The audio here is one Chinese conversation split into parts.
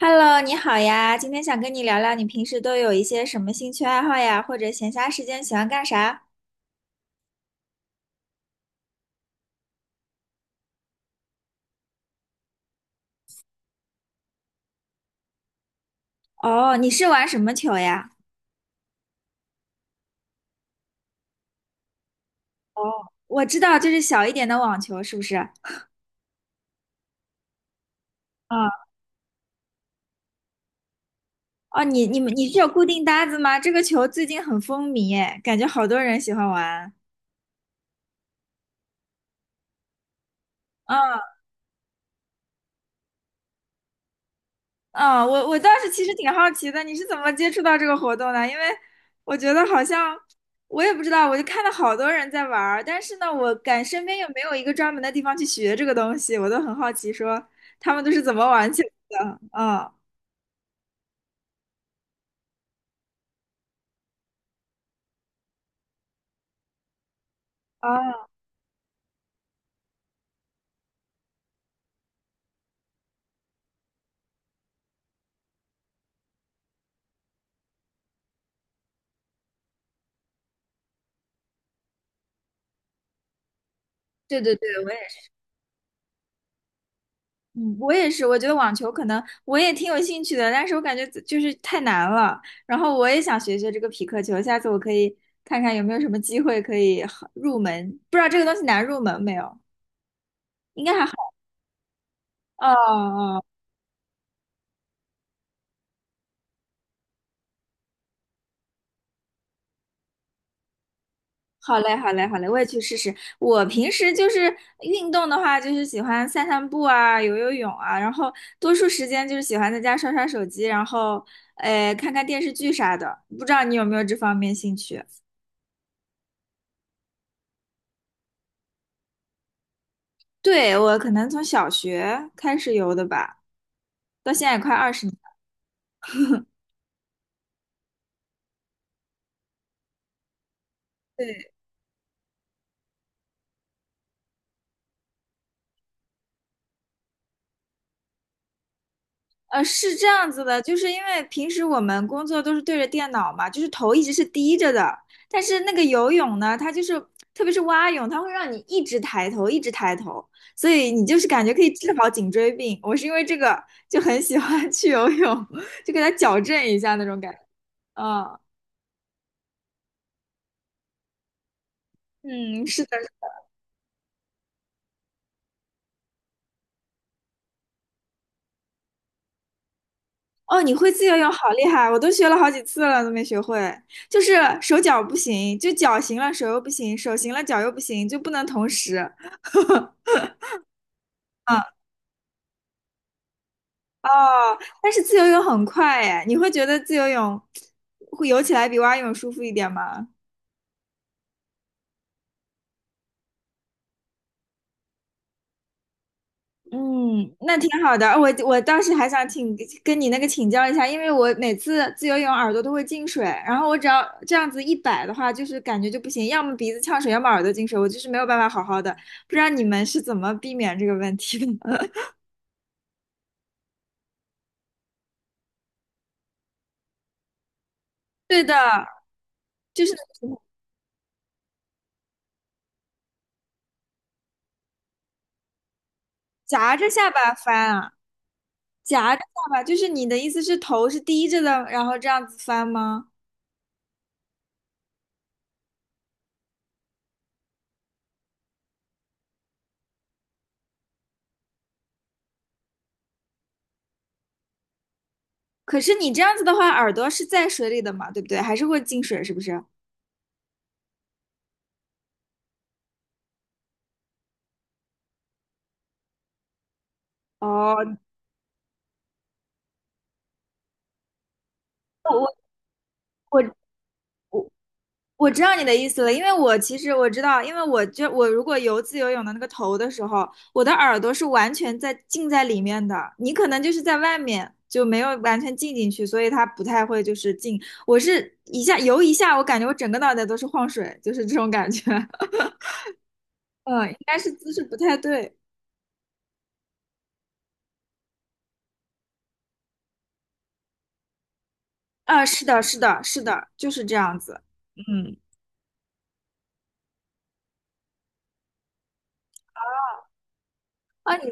Hello，你好呀，今天想跟你聊聊，你平时都有一些什么兴趣爱好呀，或者闲暇时间喜欢干啥？哦，你是玩什么球呀？哦，我知道，就是小一点的网球，是不是？啊，哦，你是有固定搭子吗？这个球最近很风靡，哎，感觉好多人喜欢玩。嗯啊，我倒是其实挺好奇的，你是怎么接触到这个活动的？因为我觉得好像我也不知道，我就看到好多人在玩儿，但是呢，我感身边又没有一个专门的地方去学这个东西，我都很好奇，说他们都是怎么玩起来的？啊啊，对对对，我也是，嗯，我也是，我觉得网球可能我也挺有兴趣的，但是我感觉就是太难了，然后我也想学学这个匹克球，下次我可以看看有没有什么机会可以好入门，不知道这个东西难入门没有，应该还好。哦哦，好嘞，好嘞，好嘞，我也去试试。我平时就是运动的话，就是喜欢散散步啊，游游泳啊，然后多数时间就是喜欢在家刷刷手机，然后看看电视剧啥的。不知道你有没有这方面兴趣？对，我可能从小学开始游的吧，到现在也快20年了。是这样子的，就是因为平时我们工作都是对着电脑嘛，就是头一直是低着的。但是那个游泳呢，它就是，特别是蛙泳，它会让你一直抬头，一直抬头，所以你就是感觉可以治好颈椎病。我是因为这个就很喜欢 去游泳，就给它矫正一下那种感觉。嗯嗯，是的。哦，你会自由泳，好厉害！我都学了好几次了，都没学会。就是手脚不行，就脚行了，手又不行；手行了，脚又不行，就不能同时。嗯哦，但是自由泳很快哎，你会觉得自由泳会游起来比蛙泳舒服一点吗？嗯，那挺好的。我当时还想请跟你那个请教一下，因为我每次自由泳耳朵都会进水，然后我只要这样子一摆的话，就是感觉就不行，要么鼻子呛水，要么耳朵进水，我就是没有办法好好的。不知道你们是怎么避免这个问题的？呃对的，就是夹着下巴翻啊，夹着下巴，就是你的意思是头是低着的，然后这样子翻吗？可是你这样子的话，耳朵是在水里的嘛，对不对？还是会进水，是不是？哦，我我知道你的意思了，因为我其实我知道，因为我就我如果游自由泳的那个头的时候，我的耳朵是完全在浸在里面的，你可能就是在外面就没有完全浸进去，所以它不太会就是进。我是一下游一下，我感觉我整个脑袋都是晃水，就是这种感觉。嗯，应该是姿势不太对啊，是的，是的，是的，就是这样子。嗯。啊，你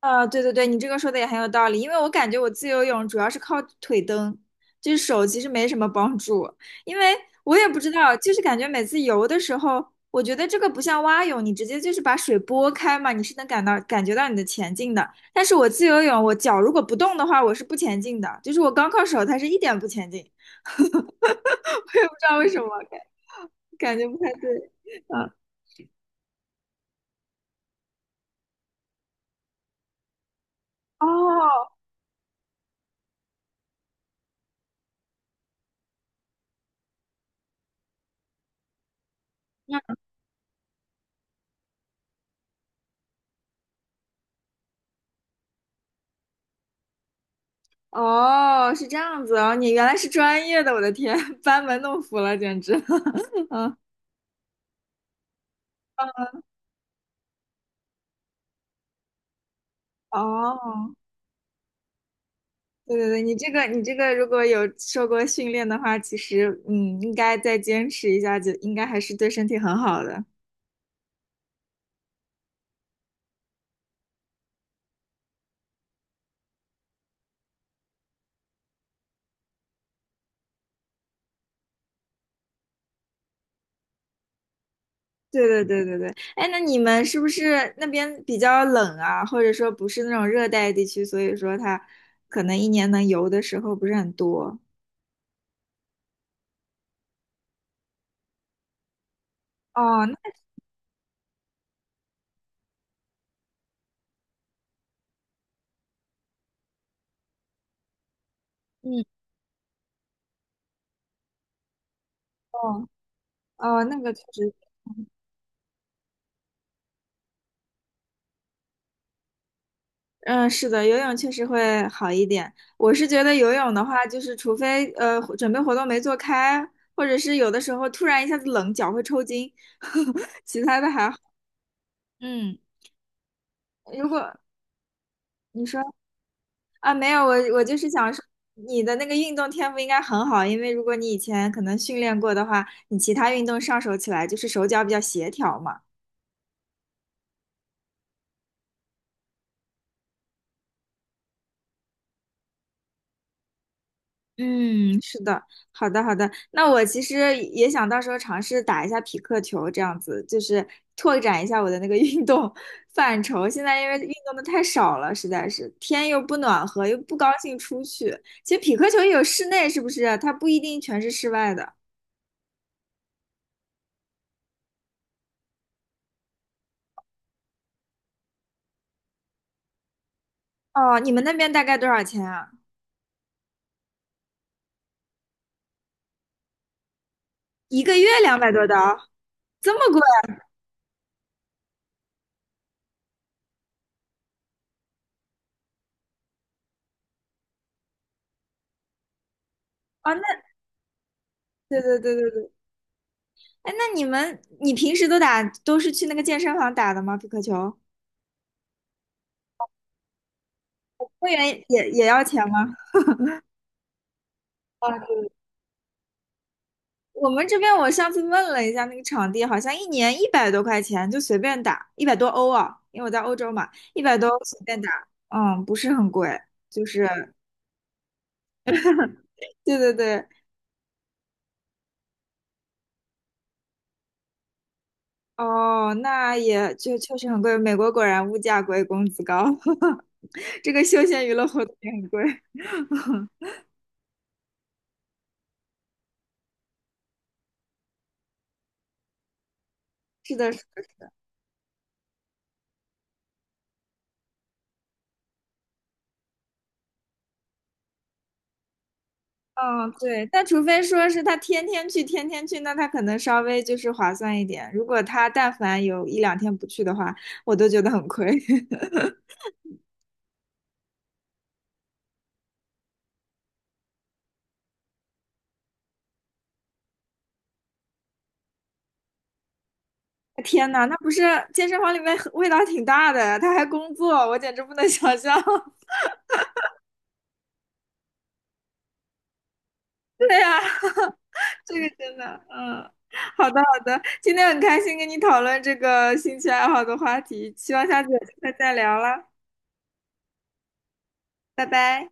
啊，对对对，你这个说的也很有道理，因为我感觉我自由泳主要是靠腿蹬，就是手其实没什么帮助，因为我也不知道，就是感觉每次游的时候，我觉得这个不像蛙泳，你直接就是把水拨开嘛，你是能感觉到你的前进的，但是我自由泳，我脚如果不动的话，我是不前进的，就是我光靠手，它是一点不前进，我也不知道为什么，感觉不太对，嗯，哦，哦，是这样子哦，你原来是专业的，我的天，班门弄斧了，简直。嗯，哦，对对对，你这个如果有受过训练的话，其实嗯，应该再坚持一下，就应该还是对身体很好的。对对对对对，哎，那你们是不是那边比较冷啊？或者说不是那种热带地区，所以说它可能一年能游的时候不是很多。哦，那嗯，哦哦，那个确实。嗯，是的，游泳确实会好一点。我是觉得游泳的话，就是除非准备活动没做开，或者是有的时候突然一下子冷，脚会抽筋，其他的还好。嗯，如果你说啊，没有，我就是想说，你的那个运动天赋应该很好，因为如果你以前可能训练过的话，你其他运动上手起来就是手脚比较协调嘛。嗯，是的，好的，好的。那我其实也想到时候尝试打一下匹克球，这样子就是拓展一下我的那个运动 范畴。现在因为运动的太少了，实在是天又不暖和，又不高兴出去。其实匹克球也有室内，是不是？它不一定全是室外的。哦，你们那边大概多少钱啊？一个月200多刀，这么贵？哦，那对对对对对。哎，那你平时都是去那个健身房打的吗？匹克球会员也要钱吗？哦，我们这边我上次问了一下那个场地，好像一年100多块钱就随便打，一百多欧啊，因为我在欧洲嘛，一百多欧随便打，嗯，不是很贵，就是，对对对，哦，那也就确实很贵，美国果然物价贵，工资高，这个休闲娱乐活动也很贵，是的，是的嗯，对，但除非说是他天天去，天天去，那他可能稍微就是划算一点，如果他但凡有一两天不去的话，我都觉得很亏。天呐，那不是健身房里面很味道挺大的呀他还工作，我简直不能想象。对呀，这个真的，嗯，好的好的，今天很开心跟你讨论这个兴趣爱好的话题，希望下次有机会再聊了，拜拜。